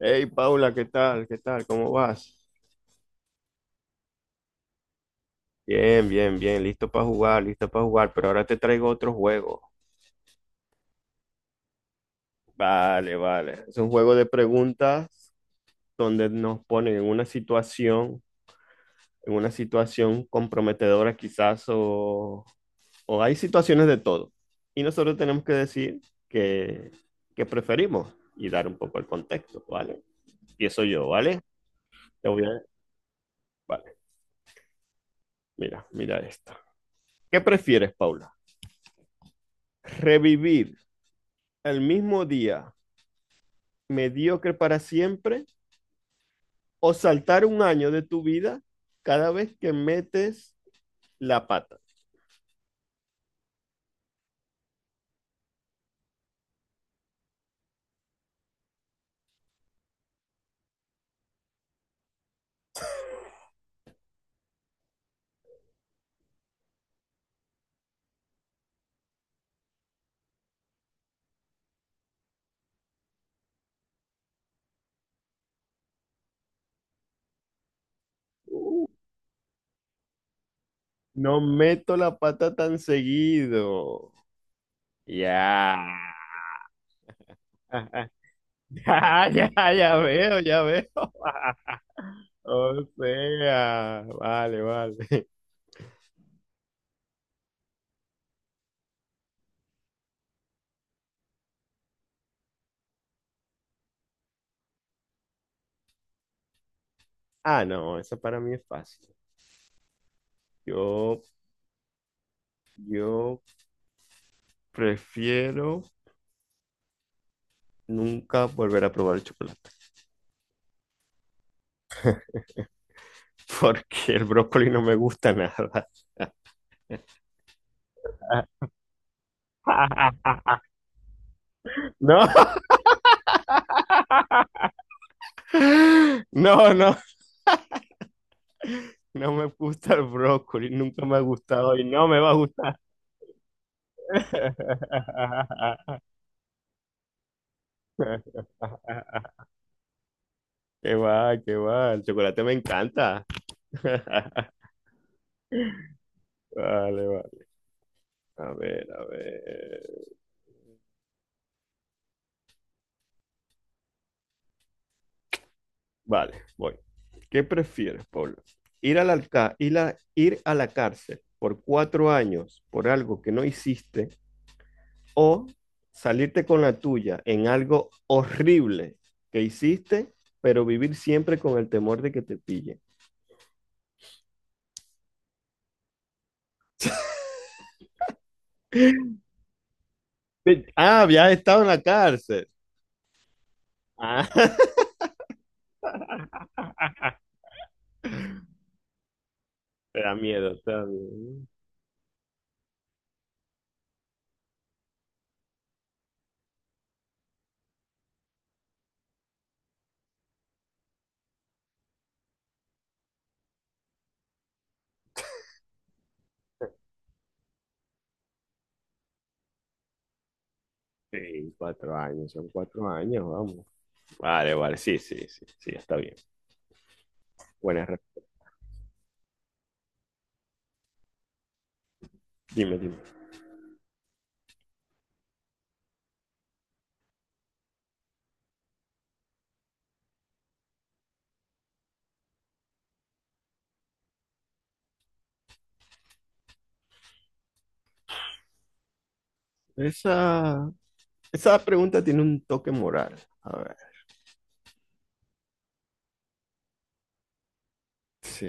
Hey Paula, ¿qué tal? ¿Qué tal? ¿Cómo vas? Bien, bien, bien, listo para jugar, pero ahora te traigo otro juego. Vale, vale. Es un juego de preguntas donde nos ponen en una situación comprometedora quizás, o hay situaciones de todo. Y nosotros tenemos que decir que, que preferimos y dar un poco el contexto, ¿vale? Empiezo yo, ¿vale? Te voy a... Vale, mira, mira esto. ¿Qué prefieres, Paula? ¿Revivir el mismo día mediocre para siempre o saltar un año de tu vida cada vez que metes la pata? Uh, no meto la pata tan seguido. Ya. Ya, ya, ya veo, ya veo. O sea, vale, vale. Ah, no, eso para mí es fácil. Yo, yo prefiero nunca volver a probar el chocolate. Porque el brócoli no me gusta nada. No, no, no, no me gusta el brócoli, nunca me ha gustado y no me va a gustar. Qué va, el chocolate me encanta. Vale, vale, a ver, a ver. Vale, voy. ¿Qué prefieres, Pablo? Ir a la cárcel por 4 años por algo que no hiciste o salirte con la tuya en algo horrible que hiciste, pero vivir siempre con el temor de que te pillen? Ah, habías estado en la cárcel. Ah, te da miedo, te da miedo. Sí, 4 años son 4 años, vamos. Vale, vale, sí, sí, sí, sí, está bien. Buena, re- dime, dime. Esa, esa pregunta tiene un toque moral. A ver, sí.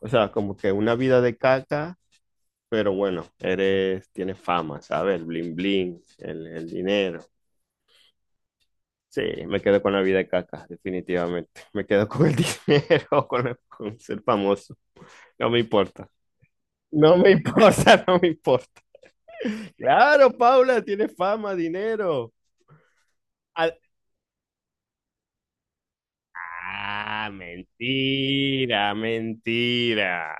O sea, como que una vida de caca, pero bueno, eres, tienes fama, ¿sabes? El bling bling, el dinero. Sí, me quedo con la vida de caca, definitivamente. Me quedo con el dinero, con, el- con ser famoso. No me importa. No me importa, no me importa. Claro, Paula, tienes fama, dinero. Al- ah, mentira, mentira.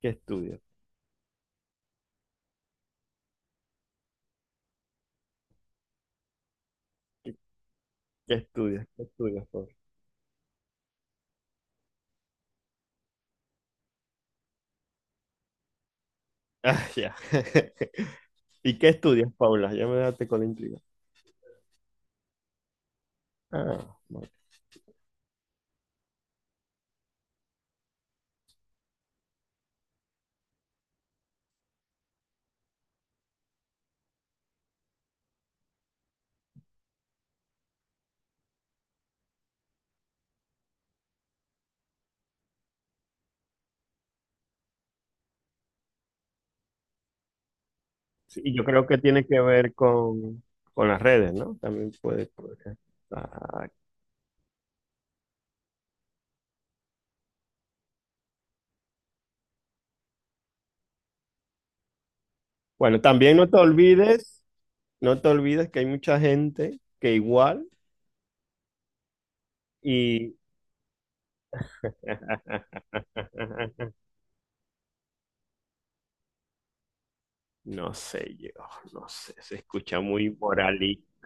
¿Qué estudias? ¿Qué, qué estudias? ¿Qué estudias, Paula? Ah, ya. ¿Y qué estudias, Paula? Ya me dejaste con la intriga. Ah, bueno. Sí, y yo creo que tiene que ver con las redes, ¿no? También puede, puede- ah, bueno, también no te olvides, no te olvides que hay mucha gente que igual y... No sé yo, no sé, se escucha muy moralista.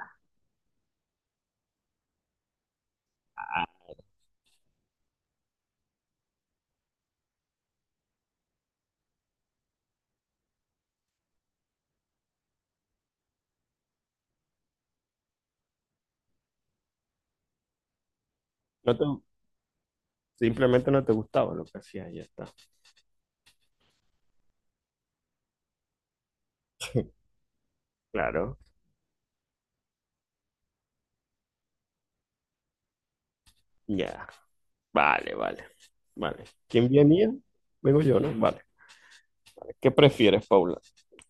No te- simplemente no te gustaba lo que hacía. Ya está. Claro, ya, vale, vale, vale. ¿Quién venía? Vengo yo, ¿no? Vale. ¿Qué prefieres, Paula?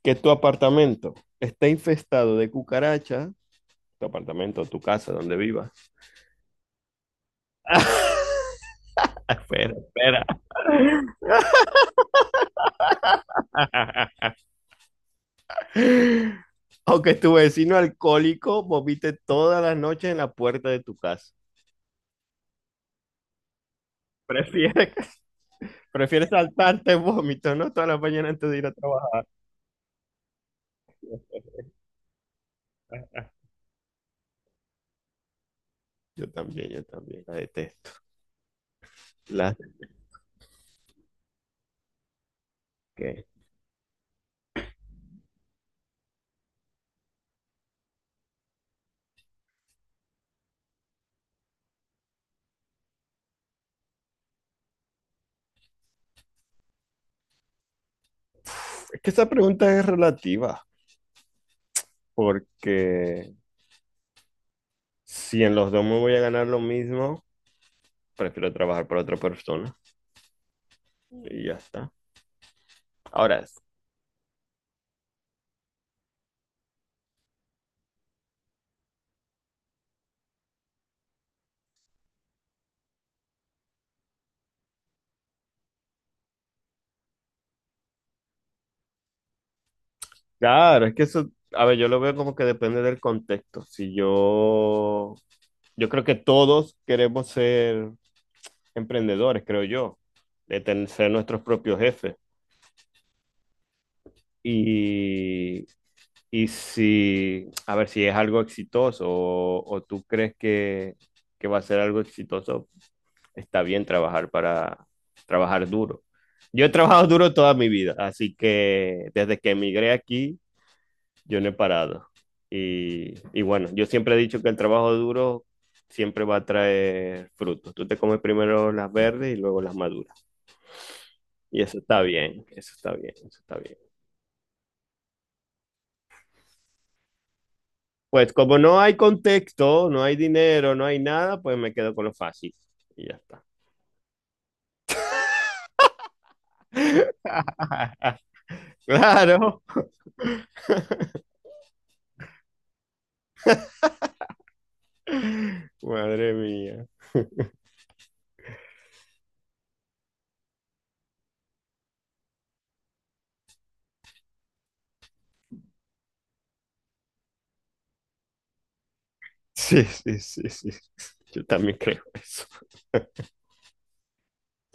¿Que tu apartamento esté infestado de cucarachas? Tu apartamento, tu casa, donde vivas. Espera, espera. ¿O que tu vecino alcohólico vomite todas las noches en la puerta de tu casa? Prefieres, prefieres saltarte el vómito, ¿no? Toda la mañana antes de ir a trabajar. Yo también, la detesto. La que es que esa pregunta es relativa, porque si en los dos me voy a ganar lo mismo, prefiero trabajar para otra persona y ya está. Ahora, es- claro, es que eso, a ver, yo lo veo como que depende del contexto. Si yo, yo creo que todos queremos ser emprendedores, creo yo, de ten- ser nuestros propios jefes. Y, y si, a ver, si es algo exitoso o tú crees que va a ser algo exitoso, está bien trabajar para trabajar duro. Yo he trabajado duro toda mi vida, así que desde que emigré aquí, yo no he parado. Y bueno, yo siempre he dicho que el trabajo duro siempre va a traer frutos. Tú te comes primero las verdes y luego las maduras. Y eso está bien, eso está bien, eso está bien. Pues como no hay contexto, no hay dinero, no hay nada, pues me quedo con lo fácil. Y ya está. Claro. Madre mía. Sí, sí, sí, sí. Yo también creo eso.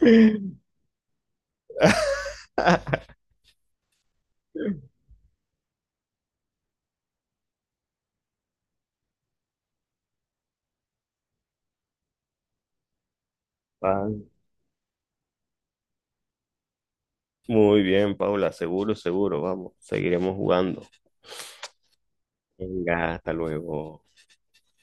Ah, muy bien, Paula. Seguro, seguro. Vamos, seguiremos jugando. Venga, hasta luego.